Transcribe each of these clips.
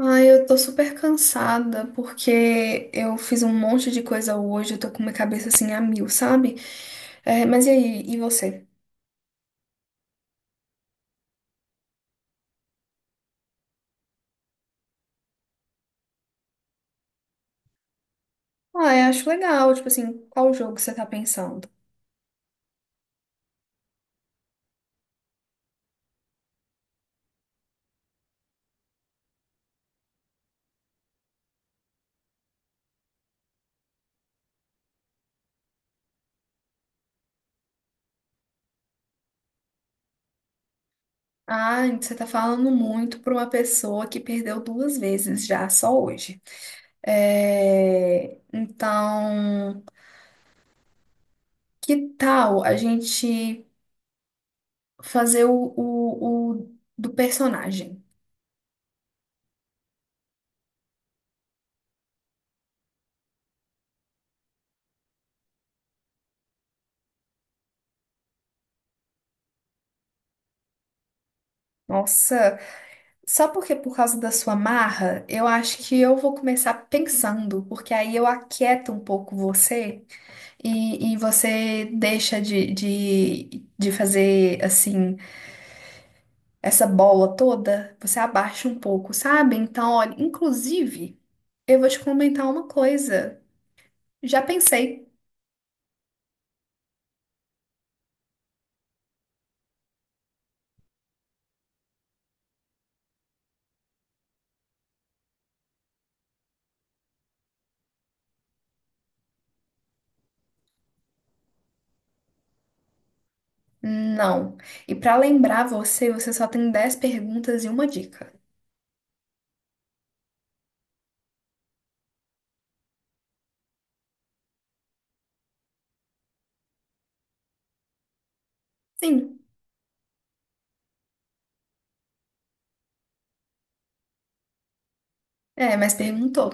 Ai, eu tô super cansada porque eu fiz um monte de coisa hoje, eu tô com minha cabeça assim a mil, sabe? É, mas e aí, e você? Ah, eu acho legal, tipo assim, qual jogo você tá pensando? Ah, você tá falando muito pra uma pessoa que perdeu 2 vezes já, só hoje. É, então, que tal a gente fazer o do personagem? Nossa, só porque por causa da sua marra, eu acho que eu vou começar pensando, porque aí eu aquieto um pouco você e você deixa de fazer assim, essa bola toda, você abaixa um pouco, sabe? Então, olha, inclusive, eu vou te comentar uma coisa. Já pensei, não. E pra lembrar você, você só tem 10 perguntas e uma dica. Sim, é, mas perguntou.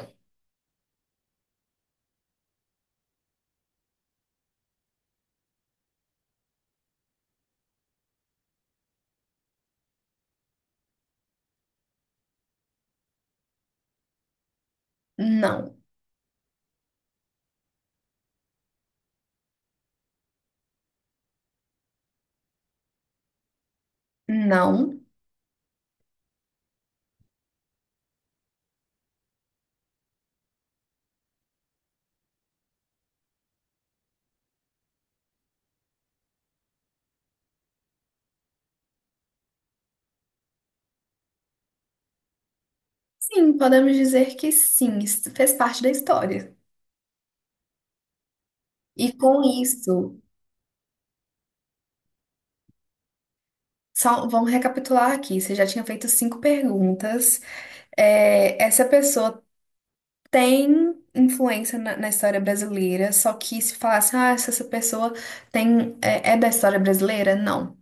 Não, não. Sim, podemos dizer que sim, isso fez parte da história. E com isso, só vamos recapitular aqui. Você já tinha feito cinco perguntas. É, essa pessoa tem influência na história brasileira, só que se falasse, ah, se essa pessoa tem, é, é da história brasileira, não.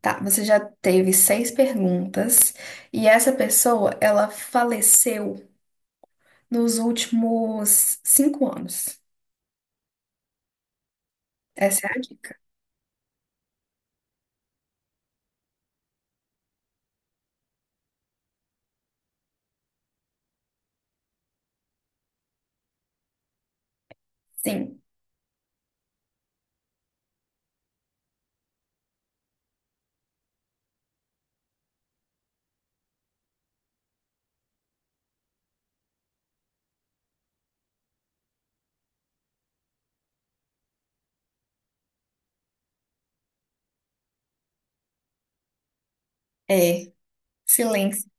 Tá, você já teve seis perguntas e essa pessoa, ela faleceu nos últimos 5 anos. Essa é a dica. Sim, é. Silêncio.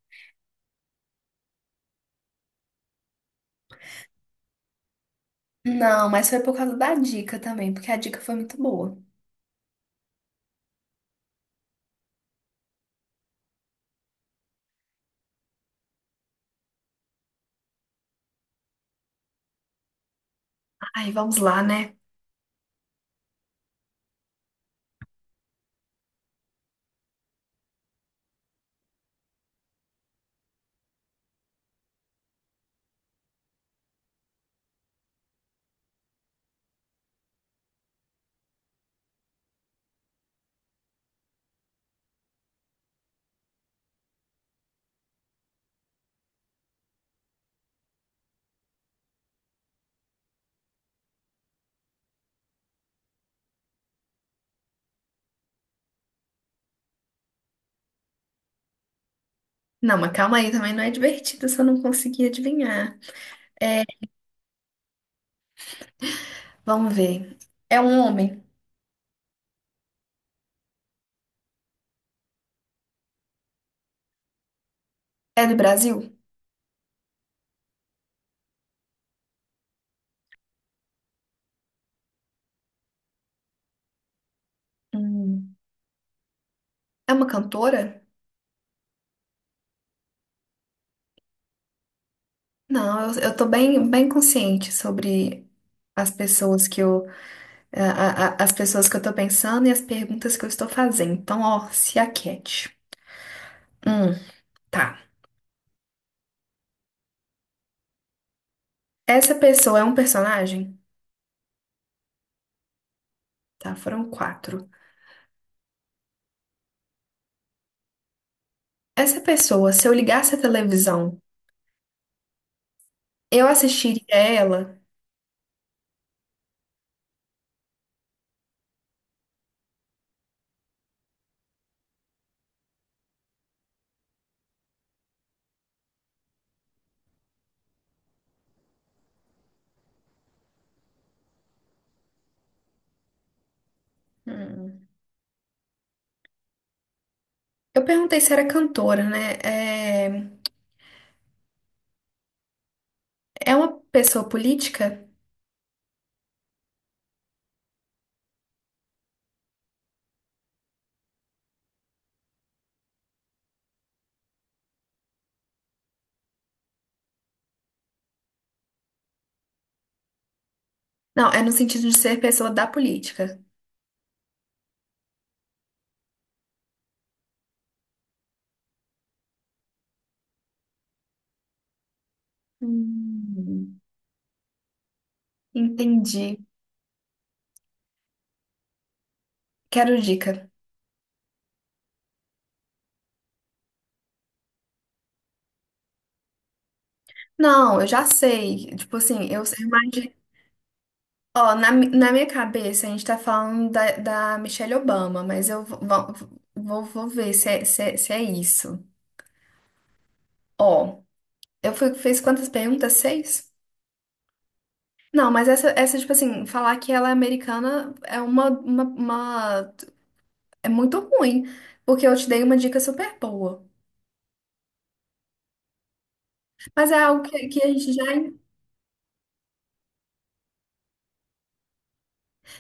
Não, mas foi por causa da dica também, porque a dica foi muito boa. Ai, vamos lá, né? Não, mas calma aí, também não é divertido se eu não conseguir adivinhar. Vamos ver. É um homem? É do Brasil? Hum. É uma cantora? Não, eu tô bem, bem consciente sobre as pessoas que eu, as pessoas que eu tô pensando e as perguntas que eu estou fazendo. Então, ó, se aquete. Hum, tá. Essa pessoa é um personagem? Tá, foram quatro. Essa pessoa, se eu ligasse a televisão eu assistiria ela. Hum. Eu perguntei se era cantora, né? É, é uma pessoa política? Não, é no sentido de ser pessoa da política. Hum. Entendi. Quero dica. Não, eu já sei. Tipo assim, eu imagino. Ó, na minha cabeça a gente tá falando da Michelle Obama, mas eu vou ver se é isso. Ó, eu fui, fiz quantas perguntas? Seis? Não, mas essa, tipo assim, falar que ela é americana é é muito ruim, porque eu te dei uma dica super boa. Mas é algo que a gente já.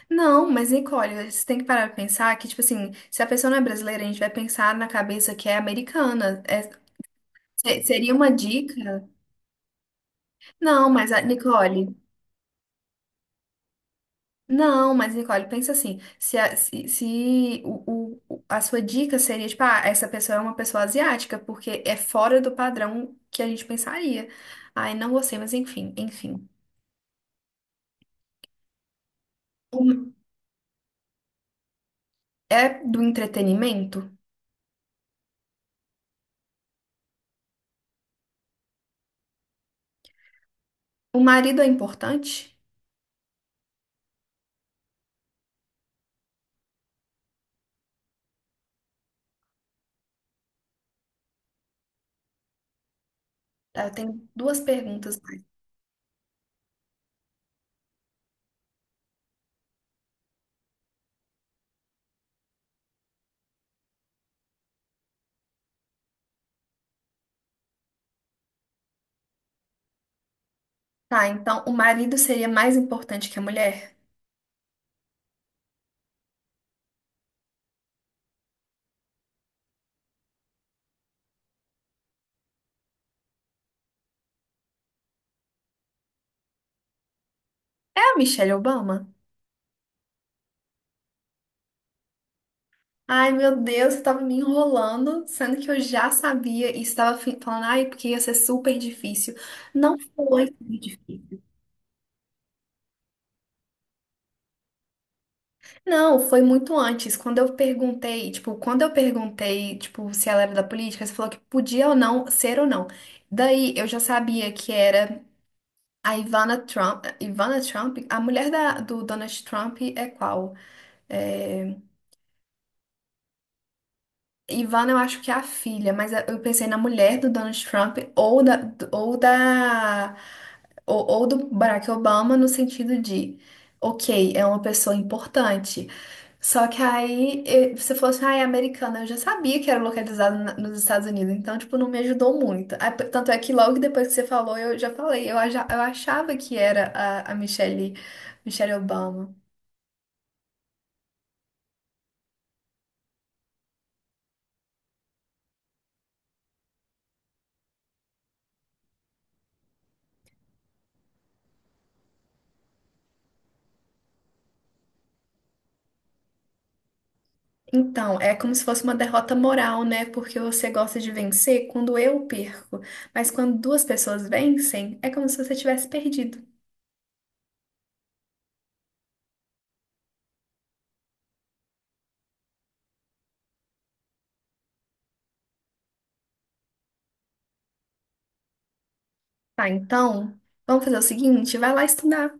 Não, mas Nicole, você tem que parar pra pensar que, tipo assim, se a pessoa não é brasileira, a gente vai pensar na cabeça que é americana. Seria uma dica. Não, mas a Nicole. Não, mas Nicole, pensa assim, se, a, se, se o, o- a sua dica seria, tipo, ah, essa pessoa é uma pessoa asiática, porque é fora do padrão que a gente pensaria. Ai, não gostei, mas enfim, enfim. O- É do entretenimento? O marido é importante? Tá, eu tenho duas perguntas mais. Tá, então, o marido seria mais importante que a mulher? É a Michelle Obama? Ai, meu Deus, você tava me enrolando, sendo que eu já sabia e estava falando, ai, porque ia ser super difícil. Não foi super difícil. Não, foi muito antes. Quando eu perguntei, tipo, quando eu perguntei, tipo, se ela era da política, você falou que podia ou não ser ou não. Daí eu já sabia que era a Ivana Trump. Ivana Trump, a mulher da, do Donald Trump é qual? É, Ivana, eu acho que é a filha, mas eu pensei na mulher do Donald Trump ou da, ou do Barack Obama no sentido de, ok, é uma pessoa importante. Só que aí, eh, se fosse, ah, é americana, eu já sabia que era localizado nos Estados Unidos, então, tipo, não me ajudou muito. Ah, tanto é que logo depois que você falou, eu já falei, eu achava que era a Michelle, Michelle Obama. Então, é como se fosse uma derrota moral, né? Porque você gosta de vencer quando eu perco, mas quando duas pessoas vencem, é como se você tivesse perdido. Tá, então, vamos fazer o seguinte, vai lá estudar.